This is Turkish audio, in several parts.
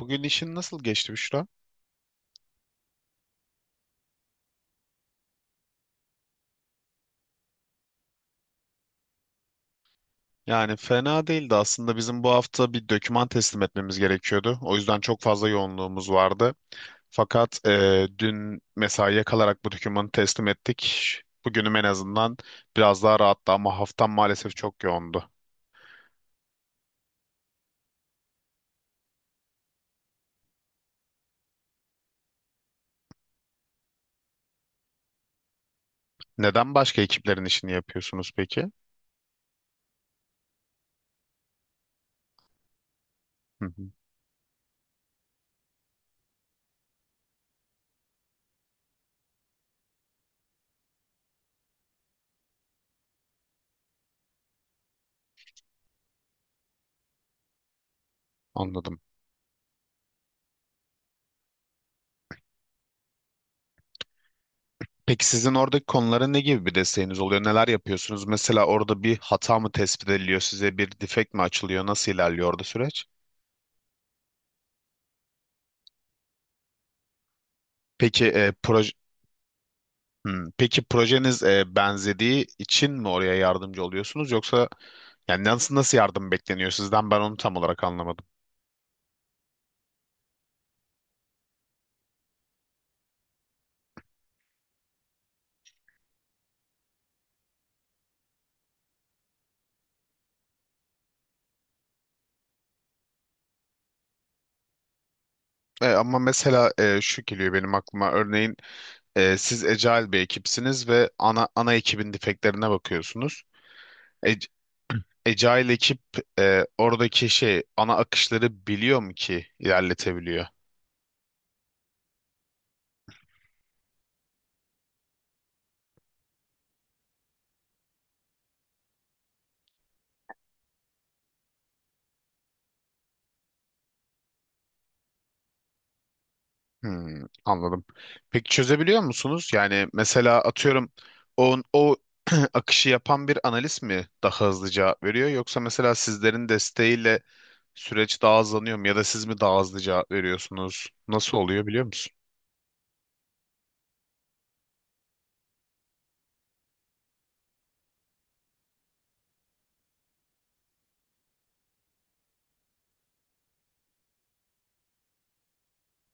Bugün işin nasıl geçti Büşra? Yani fena değildi aslında. Bizim bu hafta bir doküman teslim etmemiz gerekiyordu. O yüzden çok fazla yoğunluğumuz vardı. Fakat dün mesaiye kalarak bu dokümanı teslim ettik. Bugünüm en azından biraz daha rahattı ama haftam maalesef çok yoğundu. Neden başka ekiplerin işini yapıyorsunuz peki? Hı hı, anladım. Peki sizin oradaki konulara ne gibi bir desteğiniz oluyor? Neler yapıyorsunuz? Mesela orada bir hata mı tespit ediliyor? Size bir defekt mi açılıyor? Nasıl ilerliyor orada süreç? Peki, proje. Hmm, peki projeniz benzediği için mi oraya yardımcı oluyorsunuz, yoksa yani nasıl yardım bekleniyor sizden, ben onu tam olarak anlamadım. Ama mesela şu geliyor benim aklıma, örneğin siz Agile bir ekipsiniz ve ana ekibin defektlerine bakıyorsunuz. Agile ekip oradaki şey, ana akışları biliyor mu ki ilerletebiliyor? Hmm, anladım. Peki çözebiliyor musunuz? Yani mesela atıyorum o akışı yapan bir analist mi daha hızlı cevap veriyor? Yoksa mesela sizlerin desteğiyle süreç daha hızlanıyor mu, ya da siz mi daha hızlı cevap veriyorsunuz? Nasıl oluyor, biliyor musun?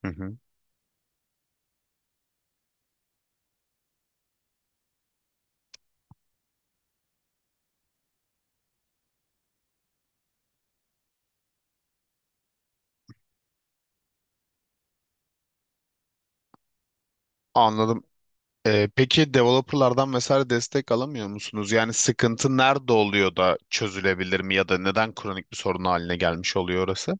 Hı hı. Anladım. Peki developerlardan vesaire destek alamıyor musunuz? Yani sıkıntı nerede oluyor da çözülebilir mi, ya da neden kronik bir sorun haline gelmiş oluyor orası?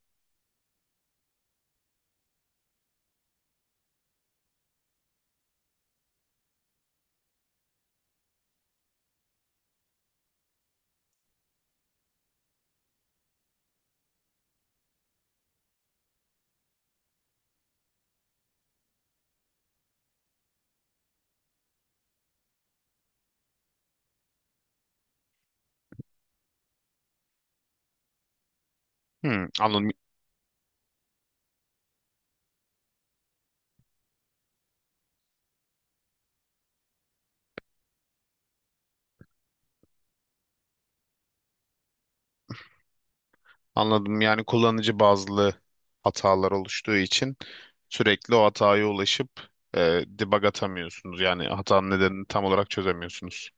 Hmm, anladım. Anladım. Yani kullanıcı bazlı hatalar oluştuğu için sürekli o hataya ulaşıp e, debug atamıyorsunuz. Yani hatanın nedenini tam olarak çözemiyorsunuz.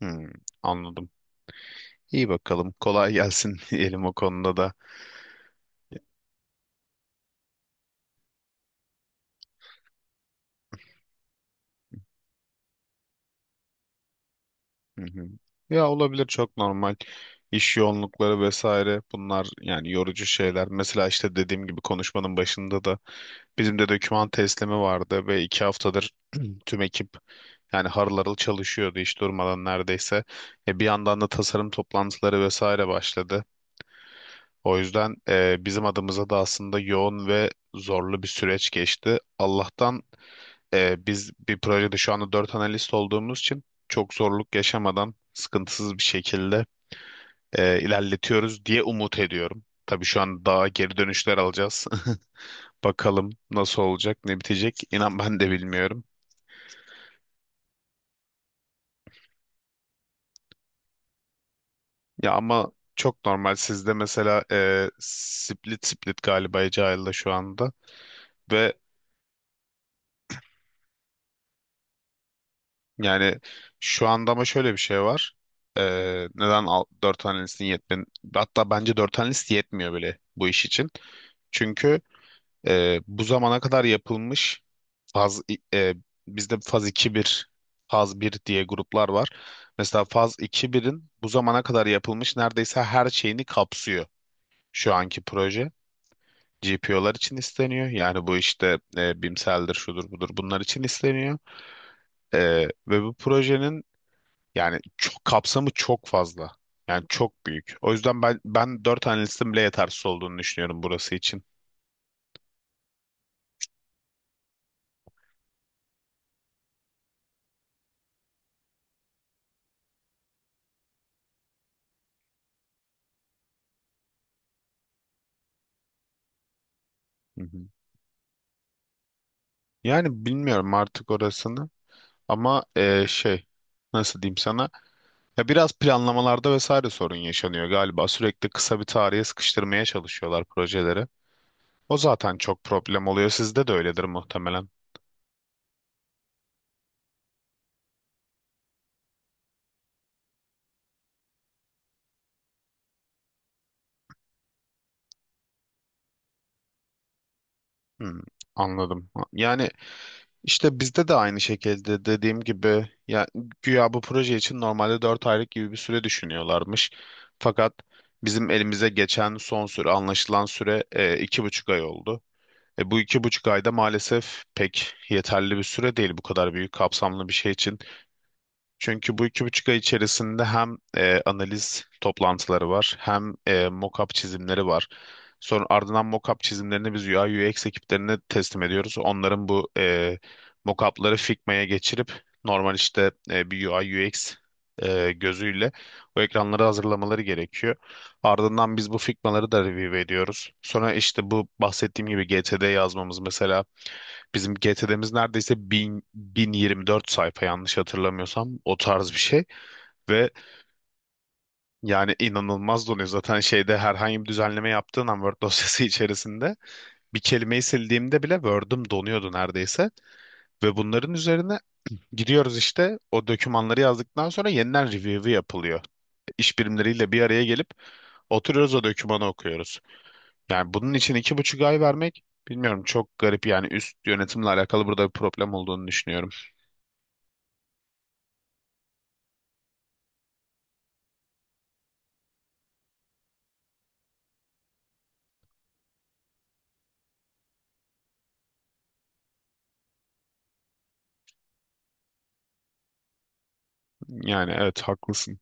Hmm, anladım. İyi bakalım. Kolay gelsin diyelim o konuda da. Hı hı. Ya olabilir, çok normal. İş yoğunlukları vesaire bunlar yani yorucu şeyler. Mesela işte dediğim gibi konuşmanın başında da bizim de doküman teslimi vardı ve iki haftadır tüm ekip yani harıl harıl çalışıyordu, hiç durmadan neredeyse. Bir yandan da tasarım toplantıları vesaire başladı. O yüzden bizim adımıza da aslında yoğun ve zorlu bir süreç geçti. Allah'tan biz bir projede şu anda dört analist olduğumuz için çok zorluk yaşamadan, sıkıntısız bir şekilde ilerletiyoruz diye umut ediyorum. Tabii şu an daha geri dönüşler alacağız. Bakalım nasıl olacak, ne bitecek. İnan ben de bilmiyorum. Ya ama çok normal. Sizde mesela split galiba Agile'da şu anda ve yani şu anda, ama şöyle bir şey var. E, Neden al- dört analistin yetmiyor? Hatta bence dört analist yetmiyor bile bu iş için. Çünkü bu zamana kadar yapılmış faz, e, bizde faz iki bir, faz bir diye gruplar var. Mesela faz iki birin bu zamana kadar yapılmış neredeyse her şeyini kapsıyor şu anki proje. GPO'lar için isteniyor. Yani bu işte BIMsel'dir, şudur budur, bunlar için isteniyor. Ve bu projenin yani çok, kapsamı çok fazla. Yani çok büyük. O yüzden ben dört analistin bile yetersiz olduğunu düşünüyorum burası için. Hı hı. Yani bilmiyorum artık orasını, ama nasıl diyeyim sana, ya biraz planlamalarda vesaire sorun yaşanıyor galiba. Sürekli kısa bir tarihe sıkıştırmaya çalışıyorlar projeleri. O zaten çok problem oluyor. Sizde de öyledir muhtemelen. Hmm, anladım. Yani işte bizde de aynı şekilde dediğim gibi, ya güya bu proje için normalde 4 aylık gibi bir süre düşünüyorlarmış. Fakat bizim elimize geçen son süre, anlaşılan süre iki buçuk ay oldu. Bu iki buçuk ayda maalesef pek yeterli bir süre değil bu kadar büyük kapsamlı bir şey için. Çünkü bu iki buçuk ay içerisinde hem analiz toplantıları var, hem mock-up çizimleri var. Sonra ardından mock-up çizimlerini biz UI UX ekiplerine teslim ediyoruz. Onların bu mock-up'ları Figma'ya geçirip normal işte bir UI UX gözüyle o ekranları hazırlamaları gerekiyor. Ardından biz bu Figma'ları da review ediyoruz. Sonra işte bu bahsettiğim gibi GTD yazmamız mesela. Bizim GTD'miz neredeyse 1000, 1024 sayfa yanlış hatırlamıyorsam o tarz bir şey ve yani inanılmaz donuyor. Zaten şeyde herhangi bir düzenleme yaptığın an Word dosyası içerisinde bir kelimeyi sildiğimde bile Word'üm donuyordu neredeyse, ve bunların üzerine gidiyoruz işte o dokümanları yazdıktan sonra yeniden review'u yapılıyor. İş birimleriyle bir araya gelip oturuyoruz, o dokümanı okuyoruz. Yani bunun için iki buçuk ay vermek, bilmiyorum çok garip, yani üst yönetimle alakalı burada bir problem olduğunu düşünüyorum. Yani evet haklısın.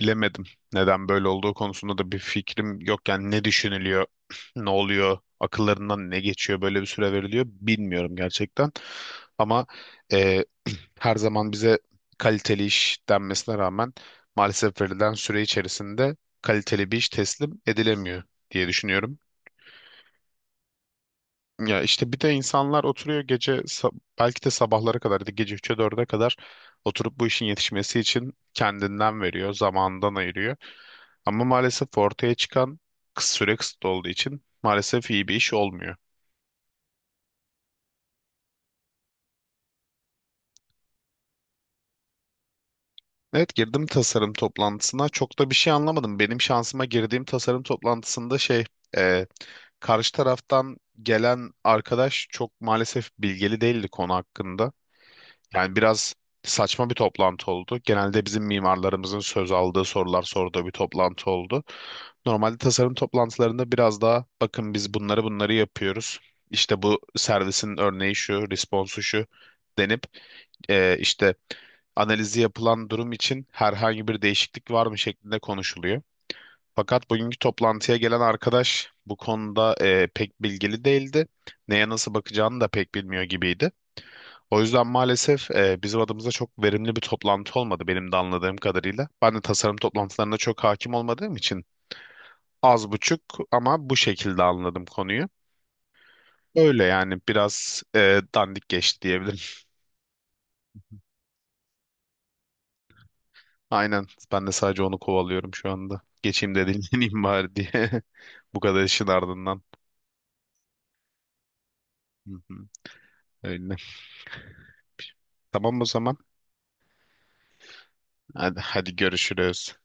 Bilemedim. Neden böyle olduğu konusunda da bir fikrim yok. Yani ne düşünülüyor, ne oluyor, akıllarından ne geçiyor, böyle bir süre veriliyor, bilmiyorum gerçekten. Ama e, her zaman bize kaliteli iş denmesine rağmen maalesef verilen süre içerisinde kaliteli bir iş teslim edilemiyor diye düşünüyorum. Ya işte bir de insanlar oturuyor, gece sa- belki de sabahlara kadar, ya gece 3'e dörde kadar oturup bu işin yetişmesi için kendinden veriyor, zamandan ayırıyor. Ama maalesef ortaya çıkan, kıs- süre kısıtlı olduğu için maalesef iyi bir iş olmuyor. Evet girdim tasarım toplantısına, çok da bir şey anlamadım. Benim şansıma girdiğim tasarım toplantısında e, karşı taraftan gelen arkadaş çok maalesef bilgili değildi konu hakkında. Yani biraz saçma bir toplantı oldu. Genelde bizim mimarlarımızın söz aldığı, sorular sorduğu bir toplantı oldu. Normalde tasarım toplantılarında biraz daha bakın, biz bunları yapıyoruz, İşte bu servisin örneği şu, responsu şu denip, işte analizi yapılan durum için herhangi bir değişiklik var mı şeklinde konuşuluyor. Fakat bugünkü toplantıya gelen arkadaş bu konuda pek bilgili değildi. Neye nasıl bakacağını da pek bilmiyor gibiydi. O yüzden maalesef bizim adımıza çok verimli bir toplantı olmadı, benim de anladığım kadarıyla. Ben de tasarım toplantılarına çok hakim olmadığım için az buçuk, ama bu şekilde anladım konuyu. Öyle, yani biraz dandik geçti diyebilirim. Aynen, ben de sadece onu kovalıyorum şu anda. Geçeyim de dinleneyim bari diye, bu kadar işin ardından. Hı hı, öyle. Tamam o zaman. Hadi, hadi görüşürüz.